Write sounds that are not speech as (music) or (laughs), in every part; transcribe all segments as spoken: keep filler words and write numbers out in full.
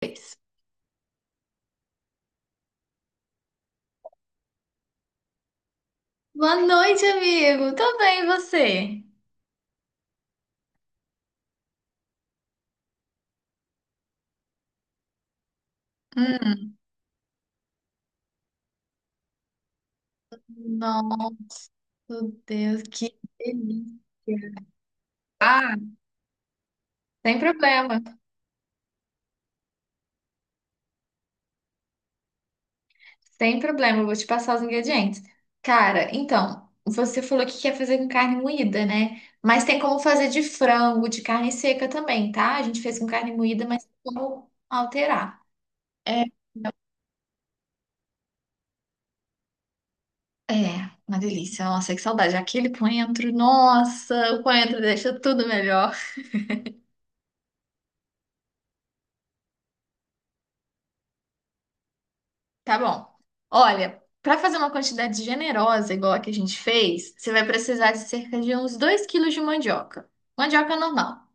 Fez? Boa noite, amigo. Tô bem, e você? Hum. Nossa, Deus, que delícia. ah, sem problema. Sem problema, eu vou te passar os ingredientes. Cara, então, você falou que quer fazer com carne moída, né? Mas tem como fazer de frango, de carne seca também, tá? A gente fez com carne moída, mas tem como alterar. É, é, uma delícia. Nossa, que saudade. Aquele coentro, nossa, o coentro deixa tudo melhor. Tá bom. Olha, para fazer uma quantidade generosa, igual a que a gente fez, você vai precisar de cerca de uns dois quilos de mandioca. Mandioca normal.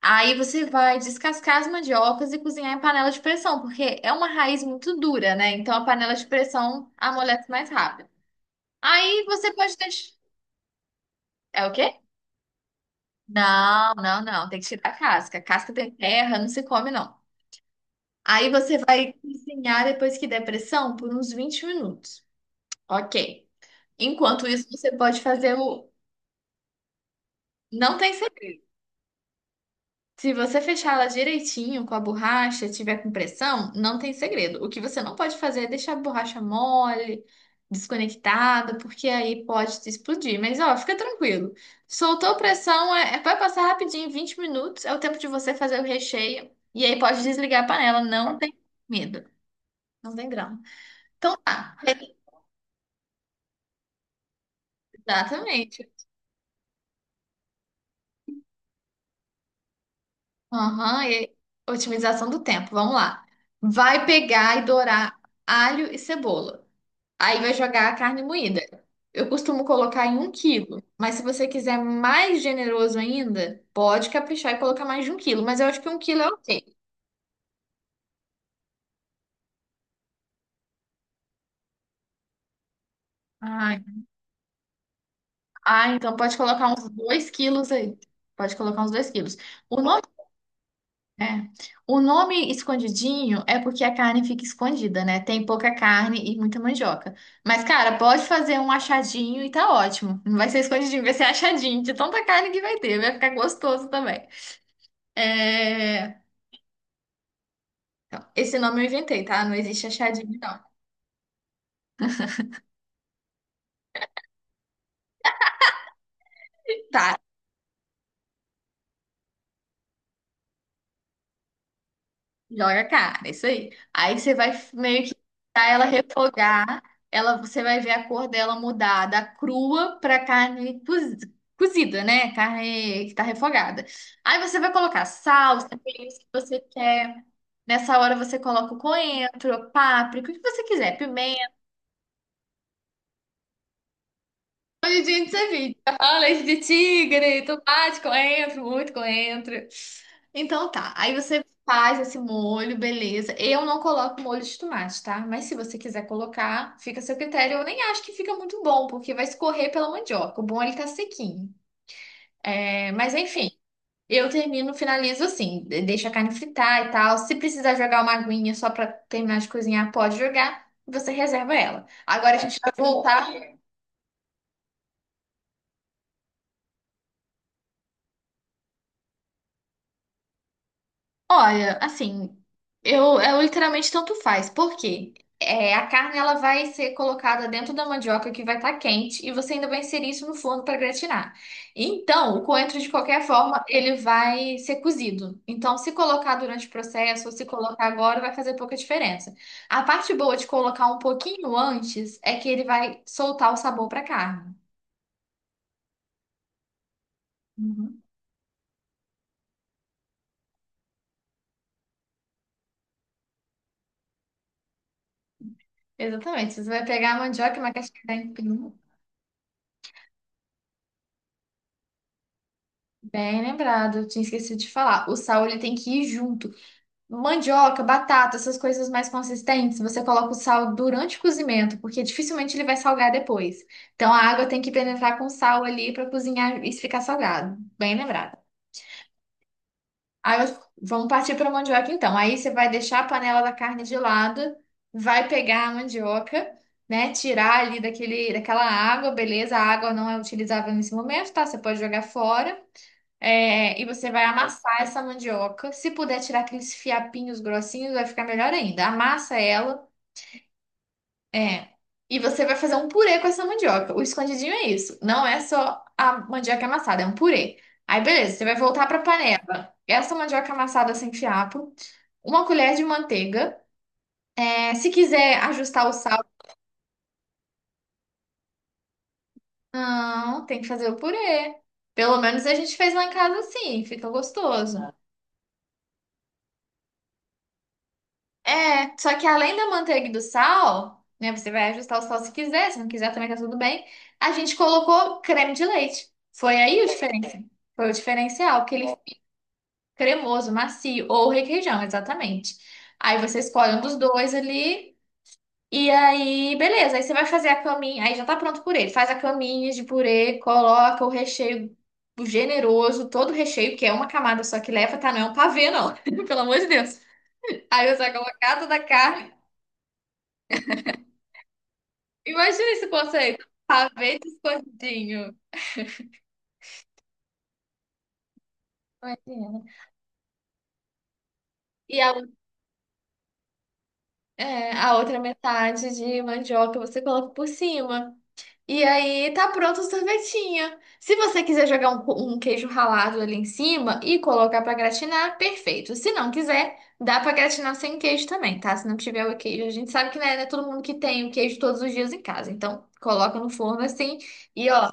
Aí você vai descascar as mandiocas e cozinhar em panela de pressão, porque é uma raiz muito dura, né? Então a panela de pressão amolece mais rápido. Aí você pode deixar. É o quê? Não, não, não. Tem que tirar a casca. Casca tem terra, não se come, não. Aí você vai cozinhar depois que der pressão por uns vinte minutos. Ok. Enquanto isso, você pode fazer o. Não tem segredo. Se você fechar ela direitinho com a borracha, tiver com pressão, não tem segredo. O que você não pode fazer é deixar a borracha mole, desconectada, porque aí pode te explodir. Mas, ó, fica tranquilo. Soltou pressão, é, é- vai passar rapidinho, vinte minutos, é o tempo de você fazer o recheio. E aí pode desligar a panela, não tem medo. Não tem grão. Então tá. Exatamente. Aham, e otimização do tempo. Vamos lá. Vai pegar e dourar alho e cebola. Aí vai jogar a carne moída. Eu costumo colocar em um quilo, mas se você quiser mais generoso ainda, pode caprichar e colocar mais de um quilo. Mas eu acho que um quilo é ok. Ah, ah, então pode colocar uns dois quilos aí. Pode colocar uns dois quilos. O nome é. O nome escondidinho é porque a carne fica escondida, né? Tem pouca carne e muita mandioca. Mas, cara, pode fazer um achadinho e tá ótimo. Não vai ser escondidinho, vai ser achadinho de tanta carne que vai ter. Vai ficar gostoso também. É, então, esse nome eu inventei, tá? Não existe achadinho, não. Tá, joga a cara, isso aí. Aí você vai meio que deixar ela refogar, ela, você vai ver a cor dela mudar da crua para carne cozi- cozida, né? Carne que tá refogada. Aí você vai colocar sal, os temperos que você quer. Nessa hora você coloca o coentro, páprica, o que você quiser. Hoje a gente se vira. Fala leite de tigre, tomate, coentro, muito coentro. Então tá, aí você faz esse molho, beleza. Eu não coloco molho de tomate, tá? Mas se você quiser colocar, fica a seu critério. Eu nem acho que fica muito bom, porque vai escorrer pela mandioca. O bom é ele tá sequinho. É, mas enfim, eu termino, finalizo assim, de- deixo a carne fritar e tal. Se precisar jogar uma aguinha só pra terminar de cozinhar, pode jogar. Você reserva ela. Agora a gente vai voltar. Olha, assim, eu, eu literalmente tanto faz, porque é, a carne ela vai ser colocada dentro da mandioca que vai estar quente e você ainda vai inserir isso no forno para gratinar. Então, o coentro de qualquer forma ele vai ser cozido. Então, se colocar durante o processo ou se colocar agora vai fazer pouca diferença. A parte boa de colocar um pouquinho antes é que ele vai soltar o sabor para a carne. Uhum. Exatamente. Você vai pegar a mandioca e uma casquinha. Bem lembrado, eu tinha esquecido de falar. O sal ele tem que ir junto. Mandioca, batata, essas coisas mais consistentes, você coloca o sal durante o cozimento, porque dificilmente ele vai salgar depois. Então a água tem que penetrar com sal ali para cozinhar e ficar salgado. Bem lembrado. Aí eu- vamos partir para a mandioca então. Aí você vai deixar a panela da carne de lado, vai pegar a mandioca, né? Tirar ali daquele, daquela água, beleza? A água não é utilizável nesse momento, tá? Você pode jogar fora. É, e você vai amassar essa mandioca. Se puder tirar aqueles fiapinhos grossinhos, vai ficar melhor ainda. Amassa ela. É. E você vai fazer um purê com essa mandioca. O escondidinho é isso. Não é só a mandioca amassada, é um purê. Aí, beleza, você vai voltar para a panela. Essa mandioca amassada sem fiapo. Uma colher de manteiga. É, se quiser ajustar o sal, não, tem que fazer o purê. Pelo menos a gente fez lá em casa assim, fica gostoso. É, só que além da manteiga e do sal, né? Você vai ajustar o sal se quiser, se não quiser também tá tudo bem. A gente colocou creme de leite. Foi aí o diferencial. Foi o diferencial, aquele cremoso, macio, ou requeijão, exatamente. Aí você escolhe um dos dois ali, e aí, beleza. Aí você vai fazer a caminha, aí já tá pronto o purê. Faz a caminha de purê, coloca o recheio generoso, todo o recheio, que é uma camada só que leva, tá? Não é um pavê, não. (laughs) Pelo amor de Deus. Aí você coloca cada da carne. Imagina se consegue pavê de escondidinho. Imagina. E a, é, a outra metade de mandioca você coloca por cima. E aí tá pronto o sorvetinho. Se você quiser jogar um, um queijo ralado ali em cima e colocar pra gratinar, perfeito. Se não quiser, dá pra gratinar sem queijo também, tá? Se não tiver o queijo, a gente sabe que não é, não é todo mundo que tem o queijo todos os dias em casa. Então, coloca no forno assim e ó.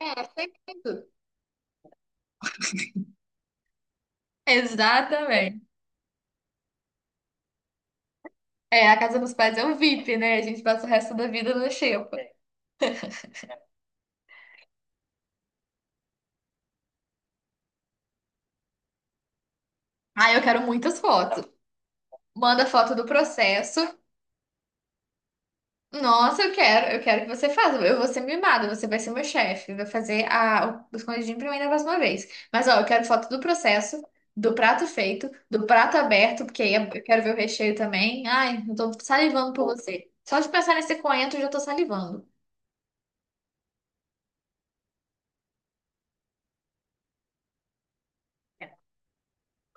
É, sempre tudo. Exatamente. É, a casa dos pais é o VIP, né? A gente passa o resto da vida na xepa. Ah, eu quero muitas fotos. Manda foto do processo. Nossa, eu quero, eu quero que você faça. Eu vou ser mimada, você vai ser meu chefe. Vai fazer a, o escondidinho pra mim da próxima vez. Mas, ó, eu quero foto do processo, do prato feito, do prato aberto, porque aí eu quero ver o recheio também. Ai, eu tô salivando por você. Só de pensar nesse coentro, eu já tô salivando.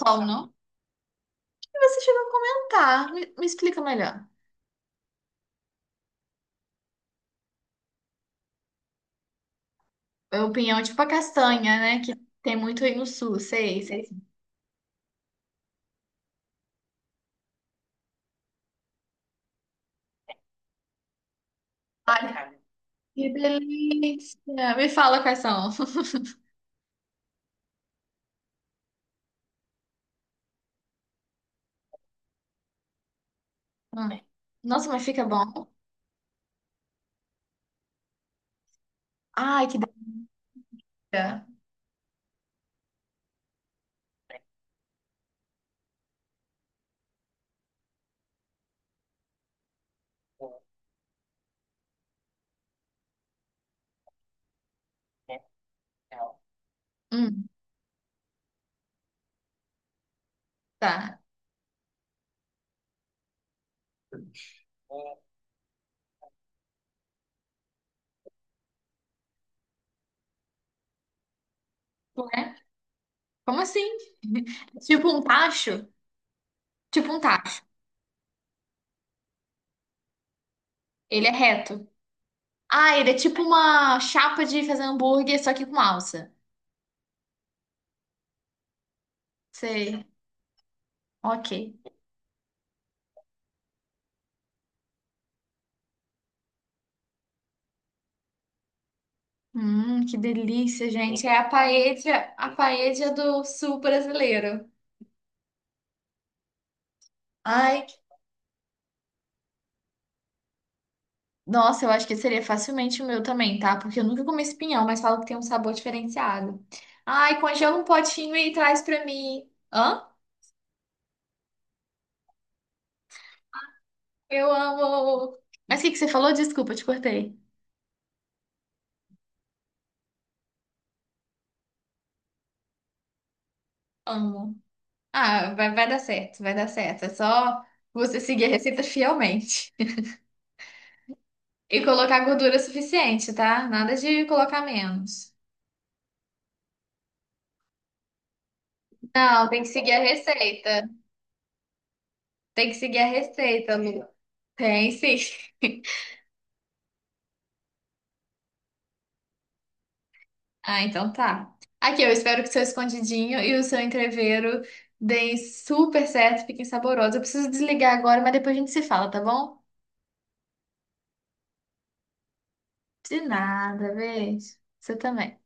Como? E você chegou a comentar. Me, me explica melhor. É o pinhão tipo a castanha, né? Que tem muito aí no sul, sei, sei. Ai, que delícia! Me fala quais são. Ai, nossa, mas fica bom. Ai, que delícia. Hum, tá. Ué? Como assim? Tipo um tacho? Tipo um tacho. Ele é reto. Ah, ele é tipo uma chapa de fazer hambúrguer, só que com alça. Sei. Ok. Hum, que delícia, gente. É a paella, a paella do sul brasileiro. Ai, nossa, eu acho que seria facilmente o meu também, tá? Porque eu nunca comi espinhão, mas falo que tem um sabor diferenciado. Ai, congela um potinho e traz pra mim. Hã? Eu amo. Mas o que que você falou? Desculpa, eu te cortei. Amo. Ah, vai, vai dar certo, vai dar certo. É só você seguir a receita fielmente. E colocar gordura suficiente, tá? Nada de colocar menos. Não, tem que seguir a receita. Tem que seguir a receita, Lu. Tem sim. Ah, então tá. Aqui, eu espero que o seu escondidinho e o seu entrevero deem super certo, fiquem saborosos. Eu preciso desligar agora, mas depois a gente se fala, tá bom? De nada, beijo. Você também.